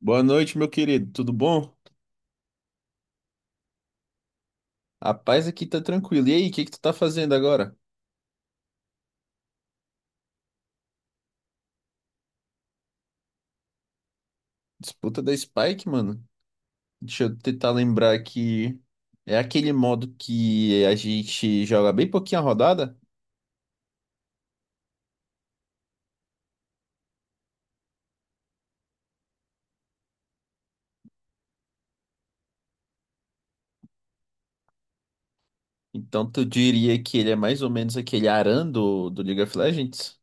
Boa noite, meu querido. Tudo bom? A paz aqui tá tranquilo. E aí, o que que tu tá fazendo agora? Disputa da Spike, mano? Deixa eu tentar lembrar que é aquele modo que a gente joga bem pouquinho a rodada. Então tu diria que ele é mais ou menos aquele Aran do League of Legends?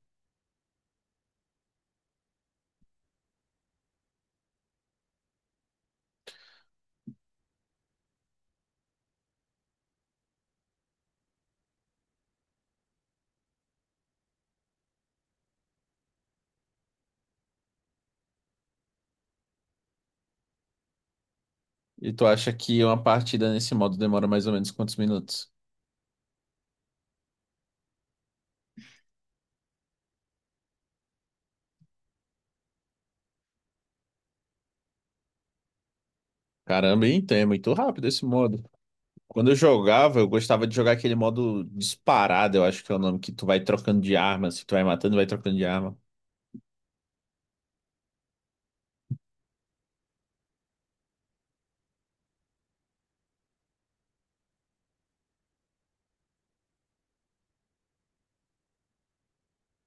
E tu acha que uma partida nesse modo demora mais ou menos quantos minutos? Caramba, hein? Então é muito rápido esse modo. Quando eu jogava, eu gostava de jogar aquele modo disparado, eu acho que é o nome, que tu vai trocando de arma, se tu vai matando, vai trocando de arma.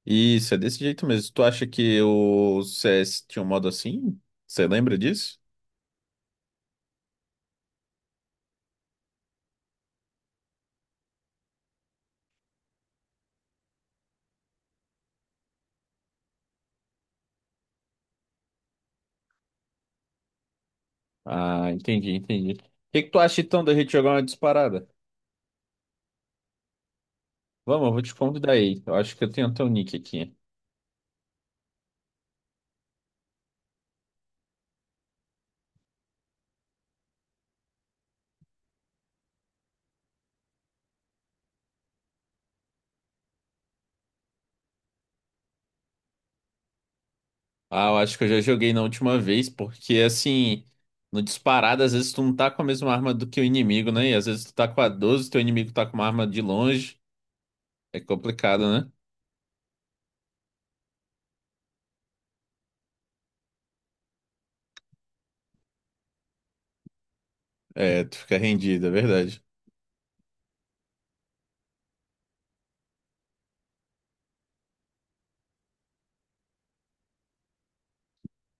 Isso, é desse jeito mesmo. Tu acha que o CS tinha um modo assim? Você lembra disso? Ah, entendi, entendi. O que que tu acha então da gente jogar uma disparada? Vamos, eu vou te convidar aí. Eu acho que eu tenho até o nick aqui. Ah, eu acho que eu já joguei na última vez, porque assim, no disparado, às vezes tu não tá com a mesma arma do que o inimigo, né? E às vezes tu tá com a 12, teu inimigo tá com uma arma de longe. É complicado. É, tu fica rendido, é verdade.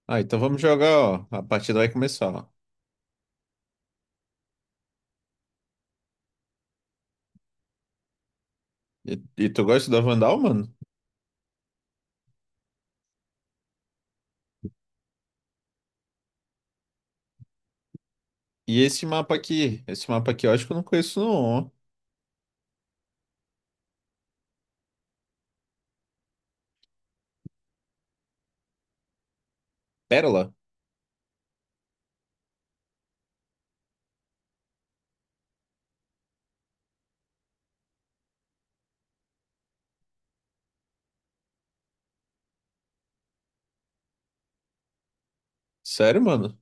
Ah, então vamos jogar, ó. A partida vai começar, ó. E, e tu gosta da Vandal, mano? E esse mapa aqui? Esse mapa aqui eu acho que eu não conheço, não, ó. Pérola. Sério, mano?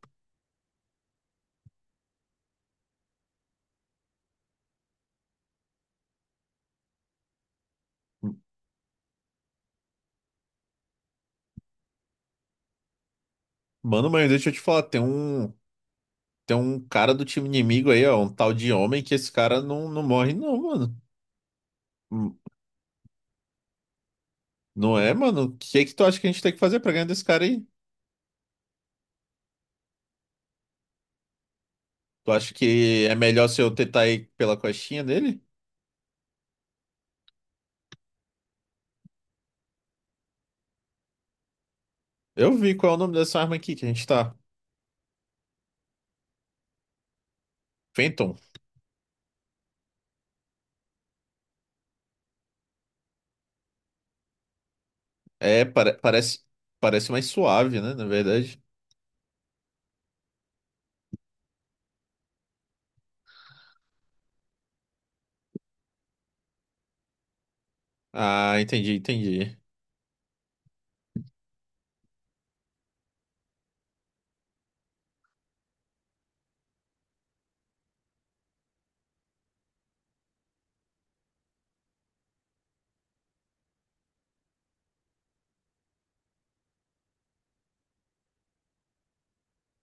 Mano, mas deixa eu te falar, tem um cara do time inimigo aí, ó. Um tal de homem que esse cara não morre, não, mano. Hum. Não é, mano? O que é que tu acha que a gente tem que fazer pra ganhar desse cara aí? Tu acha que é melhor se eu tentar ir pela costinha dele? Eu vi qual é o nome dessa arma aqui que a gente tá. Phantom. É, parece, parece mais suave, né? Na verdade. Ah, entendi, entendi.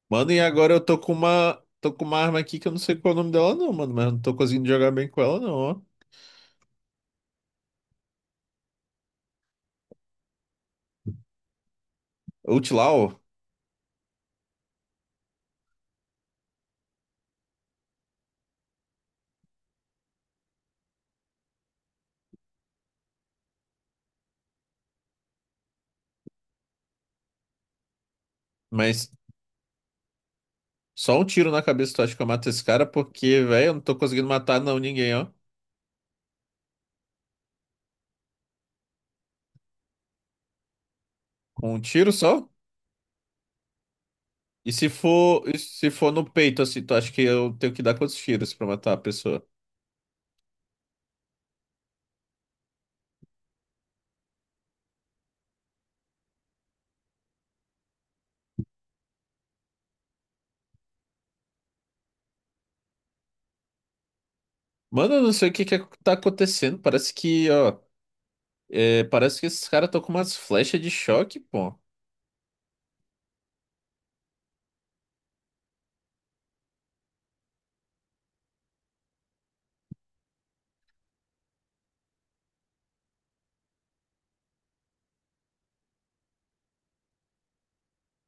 Mano, e agora eu tô com uma arma aqui que eu não sei qual é o nome dela, não, mano. Mas eu não tô conseguindo jogar bem com ela, não, ó. Outlaw, mas só um tiro na cabeça tu acha que eu mato esse cara? Porque, velho, eu não tô conseguindo matar, não, ninguém, ó. Com um tiro só? E se for no peito, assim, tu acha que eu tenho que dar quantos tiros pra matar a pessoa? Mano, eu não sei o que que tá acontecendo. Parece que, ó. É, parece que esses caras estão com umas flechas de choque, pô.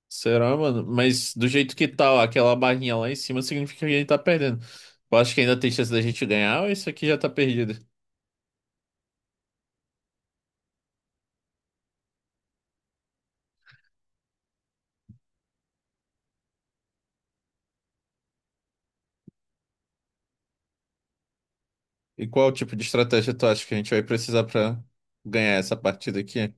Será, mano? Mas do jeito que tá ó, aquela barrinha lá em cima, significa que a gente tá perdendo. Eu acho que ainda tem chance da gente ganhar ou isso aqui já tá perdido? E qual tipo de estratégia tu acha que a gente vai precisar pra ganhar essa partida aqui?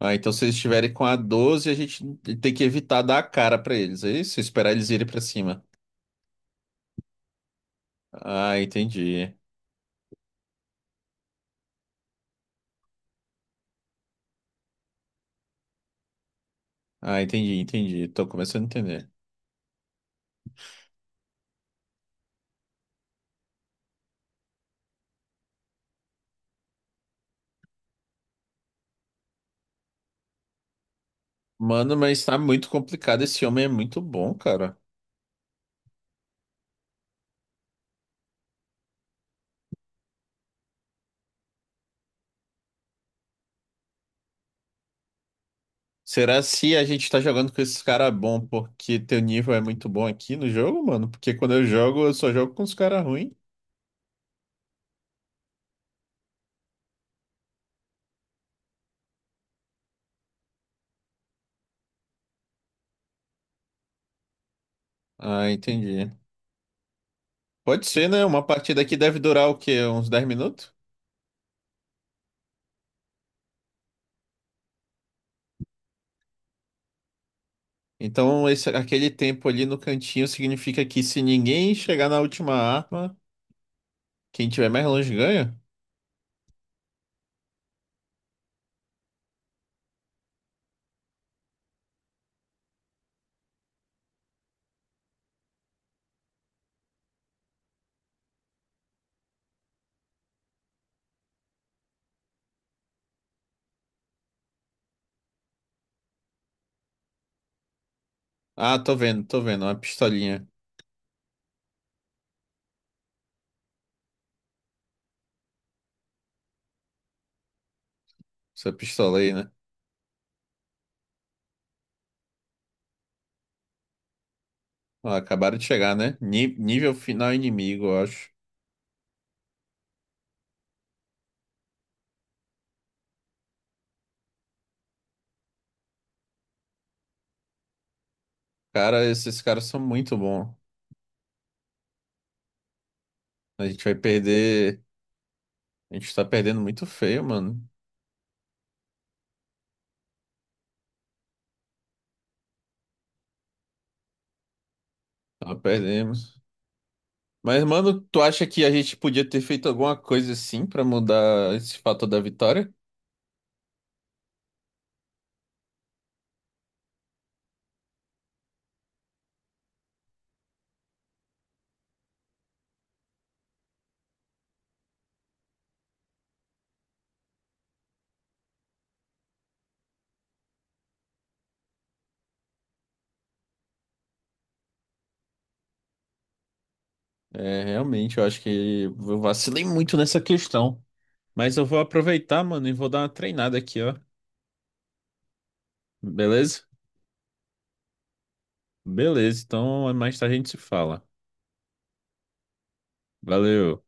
Ah, então se eles estiverem com a 12 a gente tem que evitar dar a cara pra eles, é isso? Esperar eles irem pra cima. Ah, entendi. Ah, entendi, entendi. Tô começando a entender. Mano, mas tá muito complicado. Esse homem é muito bom, cara. Será se a gente tá jogando com esses caras bom porque teu nível é muito bom aqui no jogo, mano? Porque quando eu jogo, eu só jogo com os caras ruins. Ah, entendi. Pode ser, né? Uma partida aqui deve durar o quê? Uns 10 minutos? Então, esse, aquele tempo ali no cantinho significa que se ninguém chegar na última arma, quem tiver mais longe ganha? Ah, tô vendo, tô vendo. Uma pistolinha. Essa pistola aí, né? Ó, acabaram de chegar, né? Nível final inimigo, eu acho. Cara, esses caras são muito bons. A gente vai perder. A gente tá perdendo muito feio, mano. Tá perdemos. Mas, mano, tu acha que a gente podia ter feito alguma coisa assim pra mudar esse fator da vitória? É, realmente, eu acho que eu vacilei muito nessa questão. Mas eu vou aproveitar, mano, e vou dar uma treinada aqui, ó. Beleza? Beleza, então mais tarde a gente se fala. Valeu.